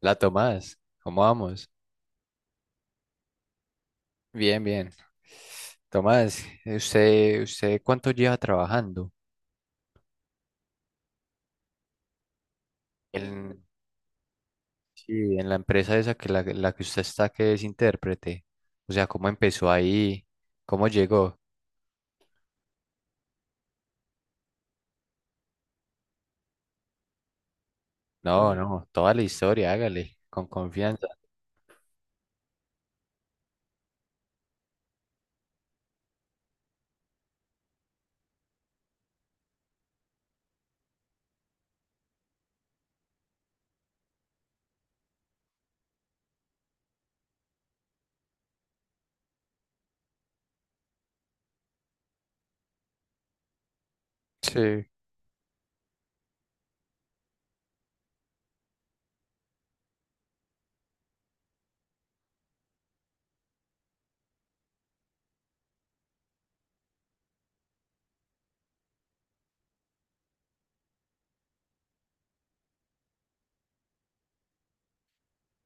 La Tomás, ¿cómo vamos? Bien, bien. Tomás, ¿usted cuánto lleva trabajando en, sí, en la empresa esa que la que usted está, ¿que es intérprete? O sea, ¿cómo empezó ahí? ¿Cómo llegó? No, no, toda la historia, hágale, con confianza. Sí,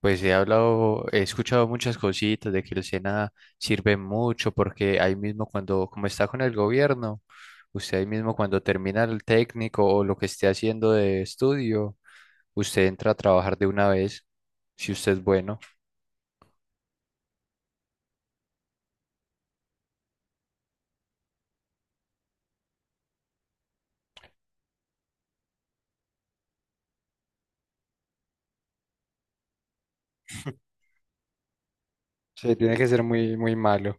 pues he hablado, he escuchado muchas cositas de que el SENA sirve mucho porque ahí mismo cuando, como está con el gobierno, usted ahí mismo cuando termina el técnico o lo que esté haciendo de estudio, usted entra a trabajar de una vez, si usted es bueno. Sí, tiene que ser muy, muy malo.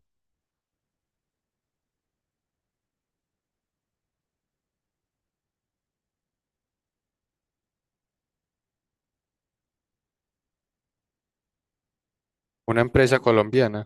Una empresa colombiana,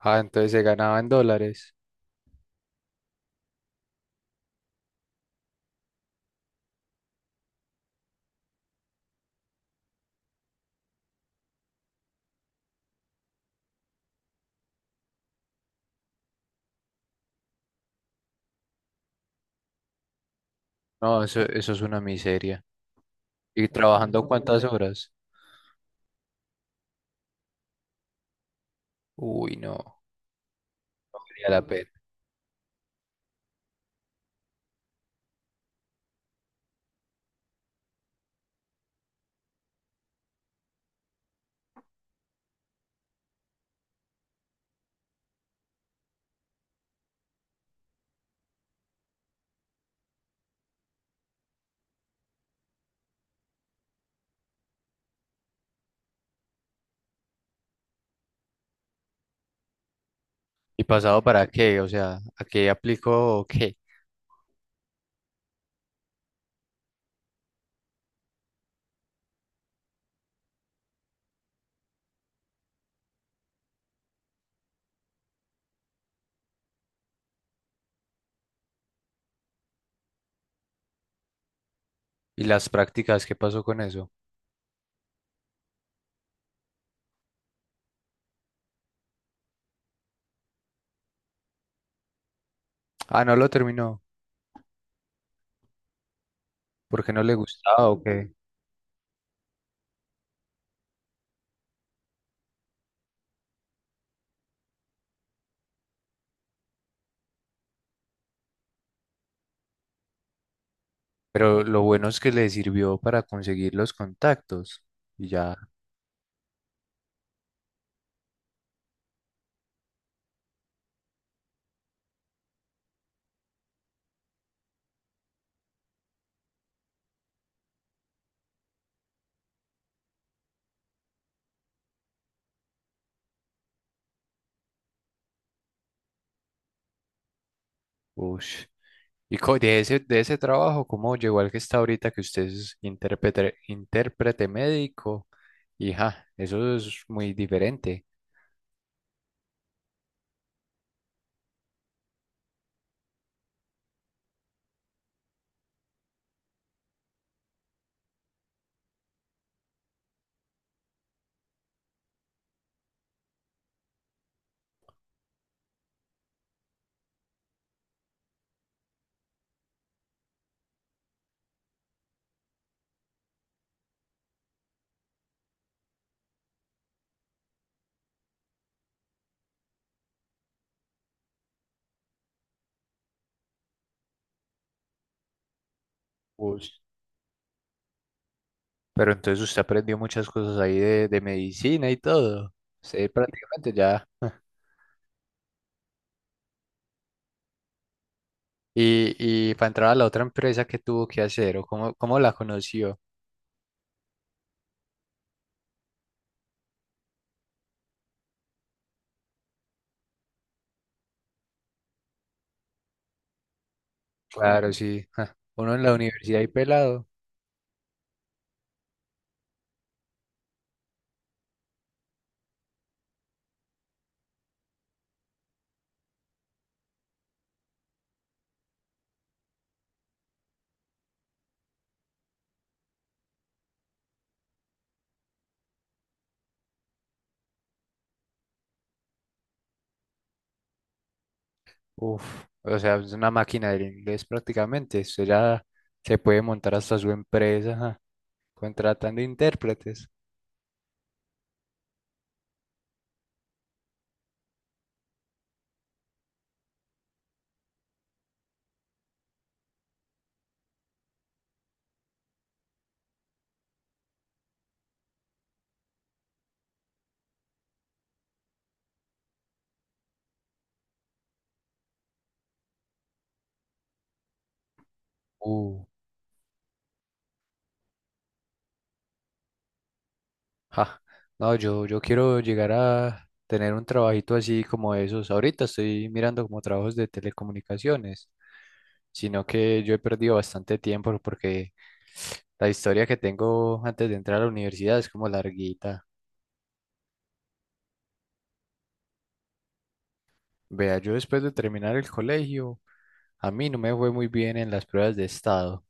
ah, ¿entonces se ganaba en dólares? No, eso es una miseria. ¿Y trabajando cuántas horas? Uy, no, valía la pena. ¿Y pasado para qué? O sea, ¿a qué aplico o qué? ¿Y las prácticas, qué pasó con eso? Ah, no lo terminó, ¿porque no le gustaba o qué? Pero lo bueno es que le sirvió para conseguir los contactos. Y ya, uff. Y de ese trabajo, ¿cómo llegó al que está ahorita, que usted es intérprete médico? Y ja, eso es muy diferente. Ush. Pero entonces usted aprendió muchas cosas ahí de medicina y todo. Usted prácticamente ya. Y, y para entrar a la otra empresa, ¿qué tuvo que hacer o cómo, cómo la conoció? Claro, sí, ja. Uno en la universidad y pelado, uf, o sea, es una máquina del inglés prácticamente. Usted ya se puede montar hasta su empresa, ja, contratando intérpretes. Uh, ja, no, yo quiero llegar a tener un trabajito así como esos. Ahorita estoy mirando como trabajos de telecomunicaciones, sino que yo he perdido bastante tiempo porque la historia que tengo antes de entrar a la universidad es como larguita. Vea, yo después de terminar el colegio. A mí no me fue muy bien en las pruebas de estado.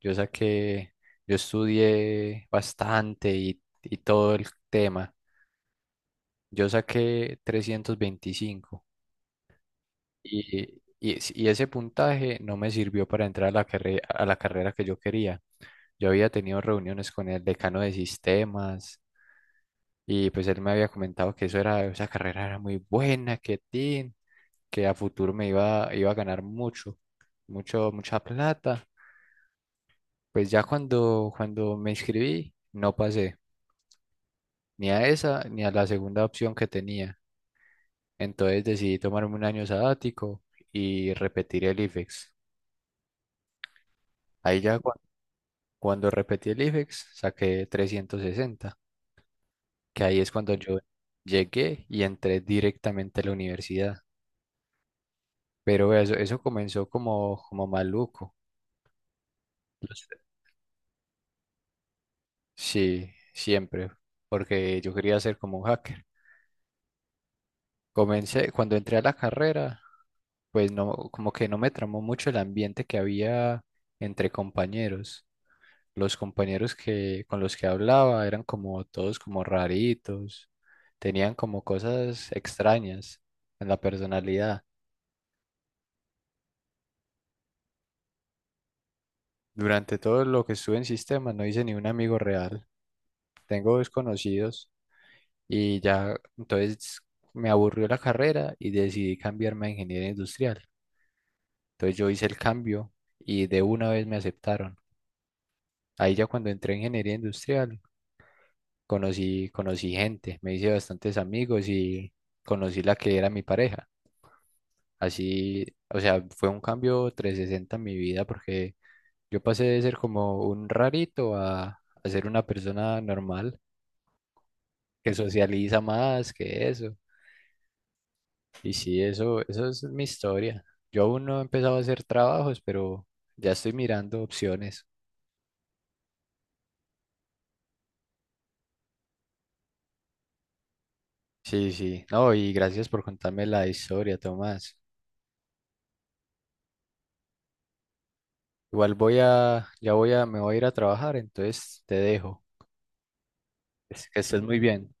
Yo saqué, yo estudié bastante y todo el tema. Yo saqué 325 y ese puntaje no me sirvió para entrar a la carrera que yo quería. Yo había tenido reuniones con el decano de sistemas y pues él me había comentado que eso era, esa carrera era muy buena, que tin, que a futuro me iba a ganar mucho, mucha plata. Pues ya cuando me inscribí, no pasé ni a esa ni a la segunda opción que tenía. Entonces decidí tomarme un año sabático y repetir el IFEX. Ahí ya cu- Cuando repetí el IFEX saqué 360, que ahí es cuando yo llegué y entré directamente a la universidad. Pero eso comenzó como maluco. Los... Sí, siempre, porque yo quería ser como un hacker. Comencé, cuando entré a la carrera, pues no, como que no me tramó mucho el ambiente que había entre compañeros. Los compañeros que con los que hablaba eran como todos como raritos, tenían como cosas extrañas en la personalidad. Durante todo lo que estuve en sistema no hice ni un amigo real. Tengo desconocidos y ya, entonces me aburrió la carrera y decidí cambiarme a ingeniería industrial. Entonces yo hice el cambio y de una vez me aceptaron. Ahí ya cuando entré en ingeniería industrial conocí gente, me hice bastantes amigos y conocí la que era mi pareja. Así, o sea, fue un cambio 360 en mi vida porque yo pasé de ser como un rarito a ser una persona normal, que socializa más que eso. Y sí, eso es mi historia. Yo aún no he empezado a hacer trabajos, pero ya estoy mirando opciones. Sí, sí. No, y gracias por contarme la historia, Tomás. Igual voy a, ya voy a, me voy a ir a trabajar, entonces te dejo. Es... Que estés muy bien.